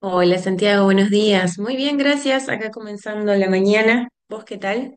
Hola Santiago, buenos días. Muy bien, gracias. Acá comenzando la mañana. ¿Vos qué tal?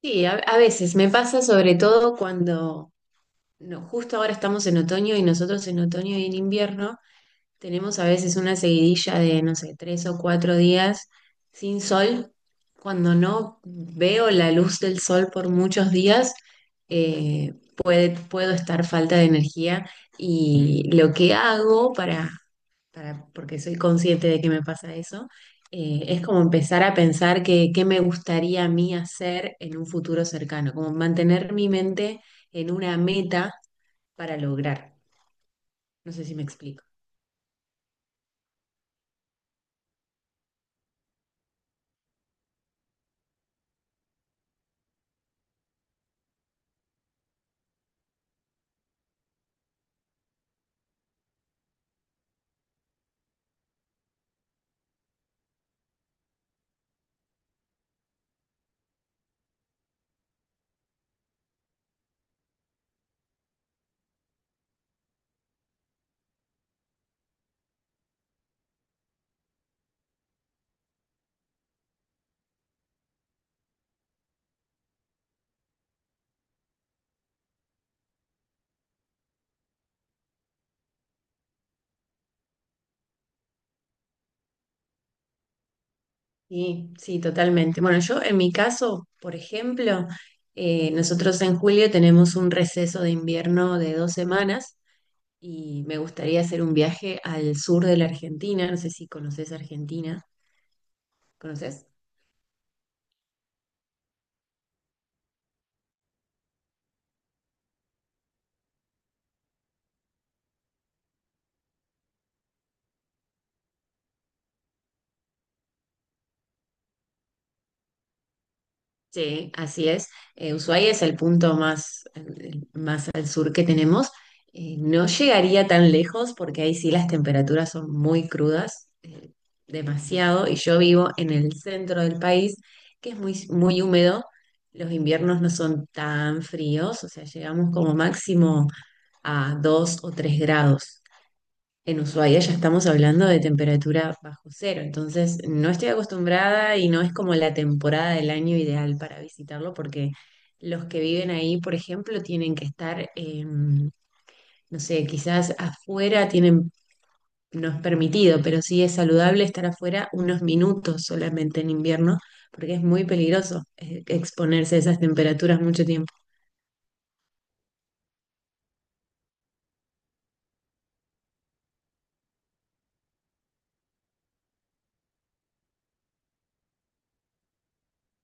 Sí, a veces me pasa sobre todo cuando no, justo ahora estamos en otoño y nosotros en otoño y en invierno tenemos a veces una seguidilla de, no sé, 3 o 4 días sin sol. Cuando no veo la luz del sol por muchos días, puedo estar falta de energía y lo que hago para porque soy consciente de que me pasa eso, es como empezar a pensar qué me gustaría a mí hacer en un futuro cercano, como mantener mi mente en una meta para lograr. No sé si me explico. Sí, sí, totalmente. Bueno, yo en mi caso, por ejemplo, nosotros en julio tenemos un receso de invierno de 2 semanas y me gustaría hacer un viaje al sur de la Argentina. No sé si conoces Argentina. ¿Conoces? Sí, así es. Ushuaia es el punto más, más al sur que tenemos. No llegaría tan lejos porque ahí sí las temperaturas son muy crudas, demasiado, y yo vivo en el centro del país, que es muy, muy húmedo. Los inviernos no son tan fríos, o sea, llegamos como máximo a 2 o 3 grados. En Ushuaia ya estamos hablando de temperatura bajo cero, entonces no estoy acostumbrada y no es como la temporada del año ideal para visitarlo porque los que viven ahí, por ejemplo, tienen que estar, no sé, quizás afuera tienen, no es permitido, pero sí es saludable estar afuera unos minutos solamente en invierno porque es muy peligroso exponerse a esas temperaturas mucho tiempo.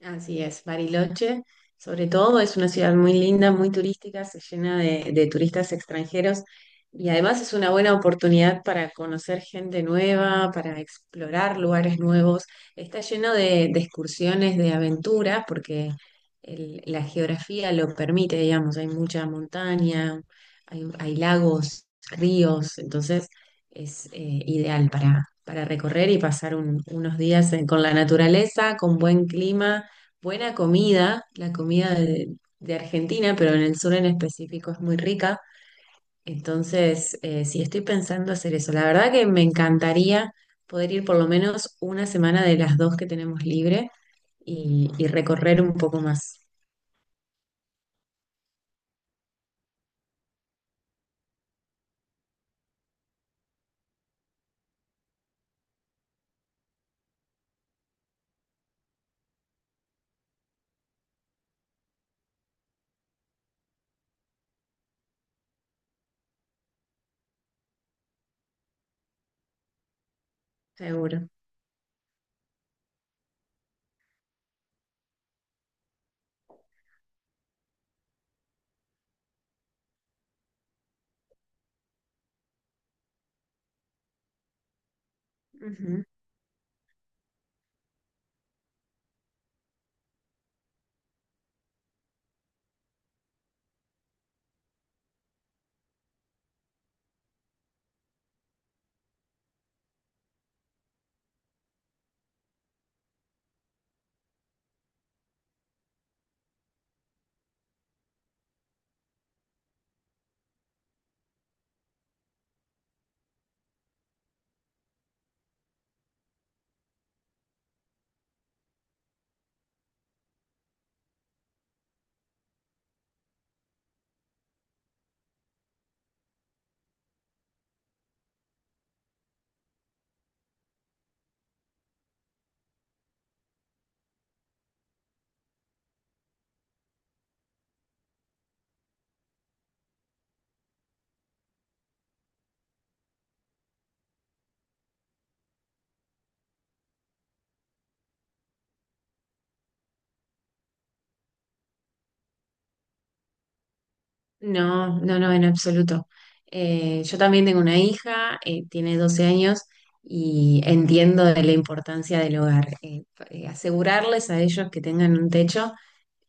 Así es, Bariloche, sobre todo, es una ciudad muy linda, muy turística, se llena de turistas extranjeros y además es una buena oportunidad para conocer gente nueva, para explorar lugares nuevos. Está lleno de excursiones, de aventuras, porque la geografía lo permite, digamos, hay mucha montaña, hay lagos, ríos, entonces es ideal para recorrer y pasar unos días con la naturaleza, con buen clima, buena comida, la comida de Argentina, pero en el sur en específico es muy rica. Entonces, sí, estoy pensando hacer eso. La verdad que me encantaría poder ir por lo menos una semana de las dos que tenemos libre y recorrer un poco más, seguro. Ujú. No, no, no, en absoluto. Yo también tengo una hija, tiene 12 años y entiendo de la importancia del hogar. Asegurarles a ellos que tengan un techo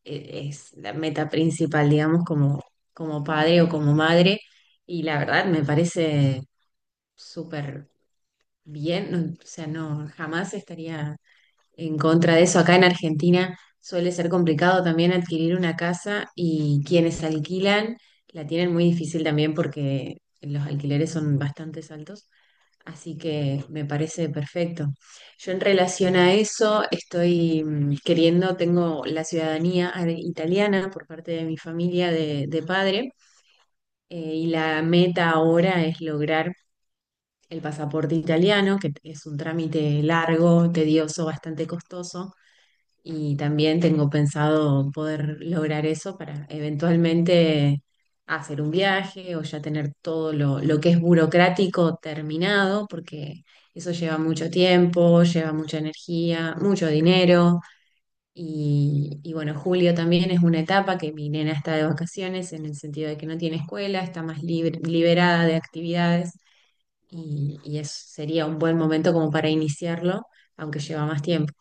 es la meta principal, digamos, como, como padre o como madre. Y la verdad me parece súper bien, o sea, no, jamás estaría en contra de eso. Acá en Argentina suele ser complicado también adquirir una casa y quienes alquilan la tienen muy difícil también porque los alquileres son bastante altos. Así que me parece perfecto. Yo en relación a eso estoy queriendo, tengo la ciudadanía italiana por parte de mi familia de padre y la meta ahora es lograr el pasaporte italiano, que es un trámite largo, tedioso, bastante costoso y también tengo pensado poder lograr eso para eventualmente hacer un viaje o ya tener todo lo que es burocrático terminado, porque eso lleva mucho tiempo, lleva mucha energía, mucho dinero. Y bueno, julio también es una etapa que mi nena está de vacaciones en el sentido de que no tiene escuela, está más liberada de actividades y sería un buen momento como para iniciarlo, aunque lleva más tiempo.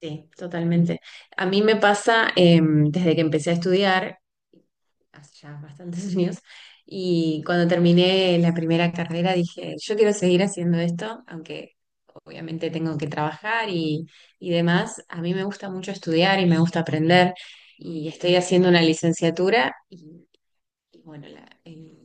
Sí, totalmente. A mí me pasa desde que empecé a estudiar, hace ya bastantes años, y cuando terminé la primera carrera dije, yo quiero seguir haciendo esto, aunque obviamente tengo que trabajar y demás. A mí me gusta mucho estudiar y me gusta aprender, y estoy haciendo una licenciatura y bueno,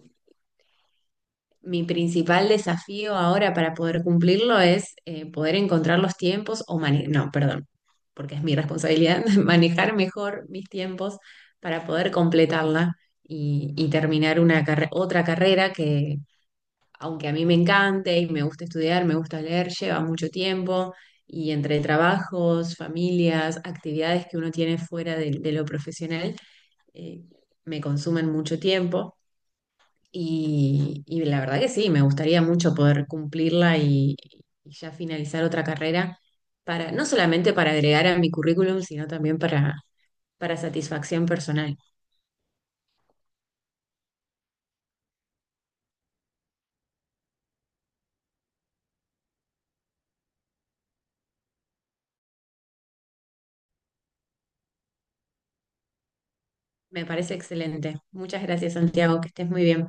mi principal desafío ahora para poder cumplirlo es poder encontrar los tiempos o mane- no, perdón, porque es mi responsabilidad manejar mejor mis tiempos para poder completarla y terminar una otra carrera que, aunque a mí me encante y me gusta estudiar, me gusta leer, lleva mucho tiempo y entre trabajos, familias, actividades que uno tiene fuera de lo profesional, eh, me consumen mucho tiempo. Y la verdad que sí, me gustaría mucho poder cumplirla y ya finalizar otra carrera para, no solamente para agregar a mi currículum, sino también para satisfacción personal. Me parece excelente. Muchas gracias, Santiago, que estés muy bien.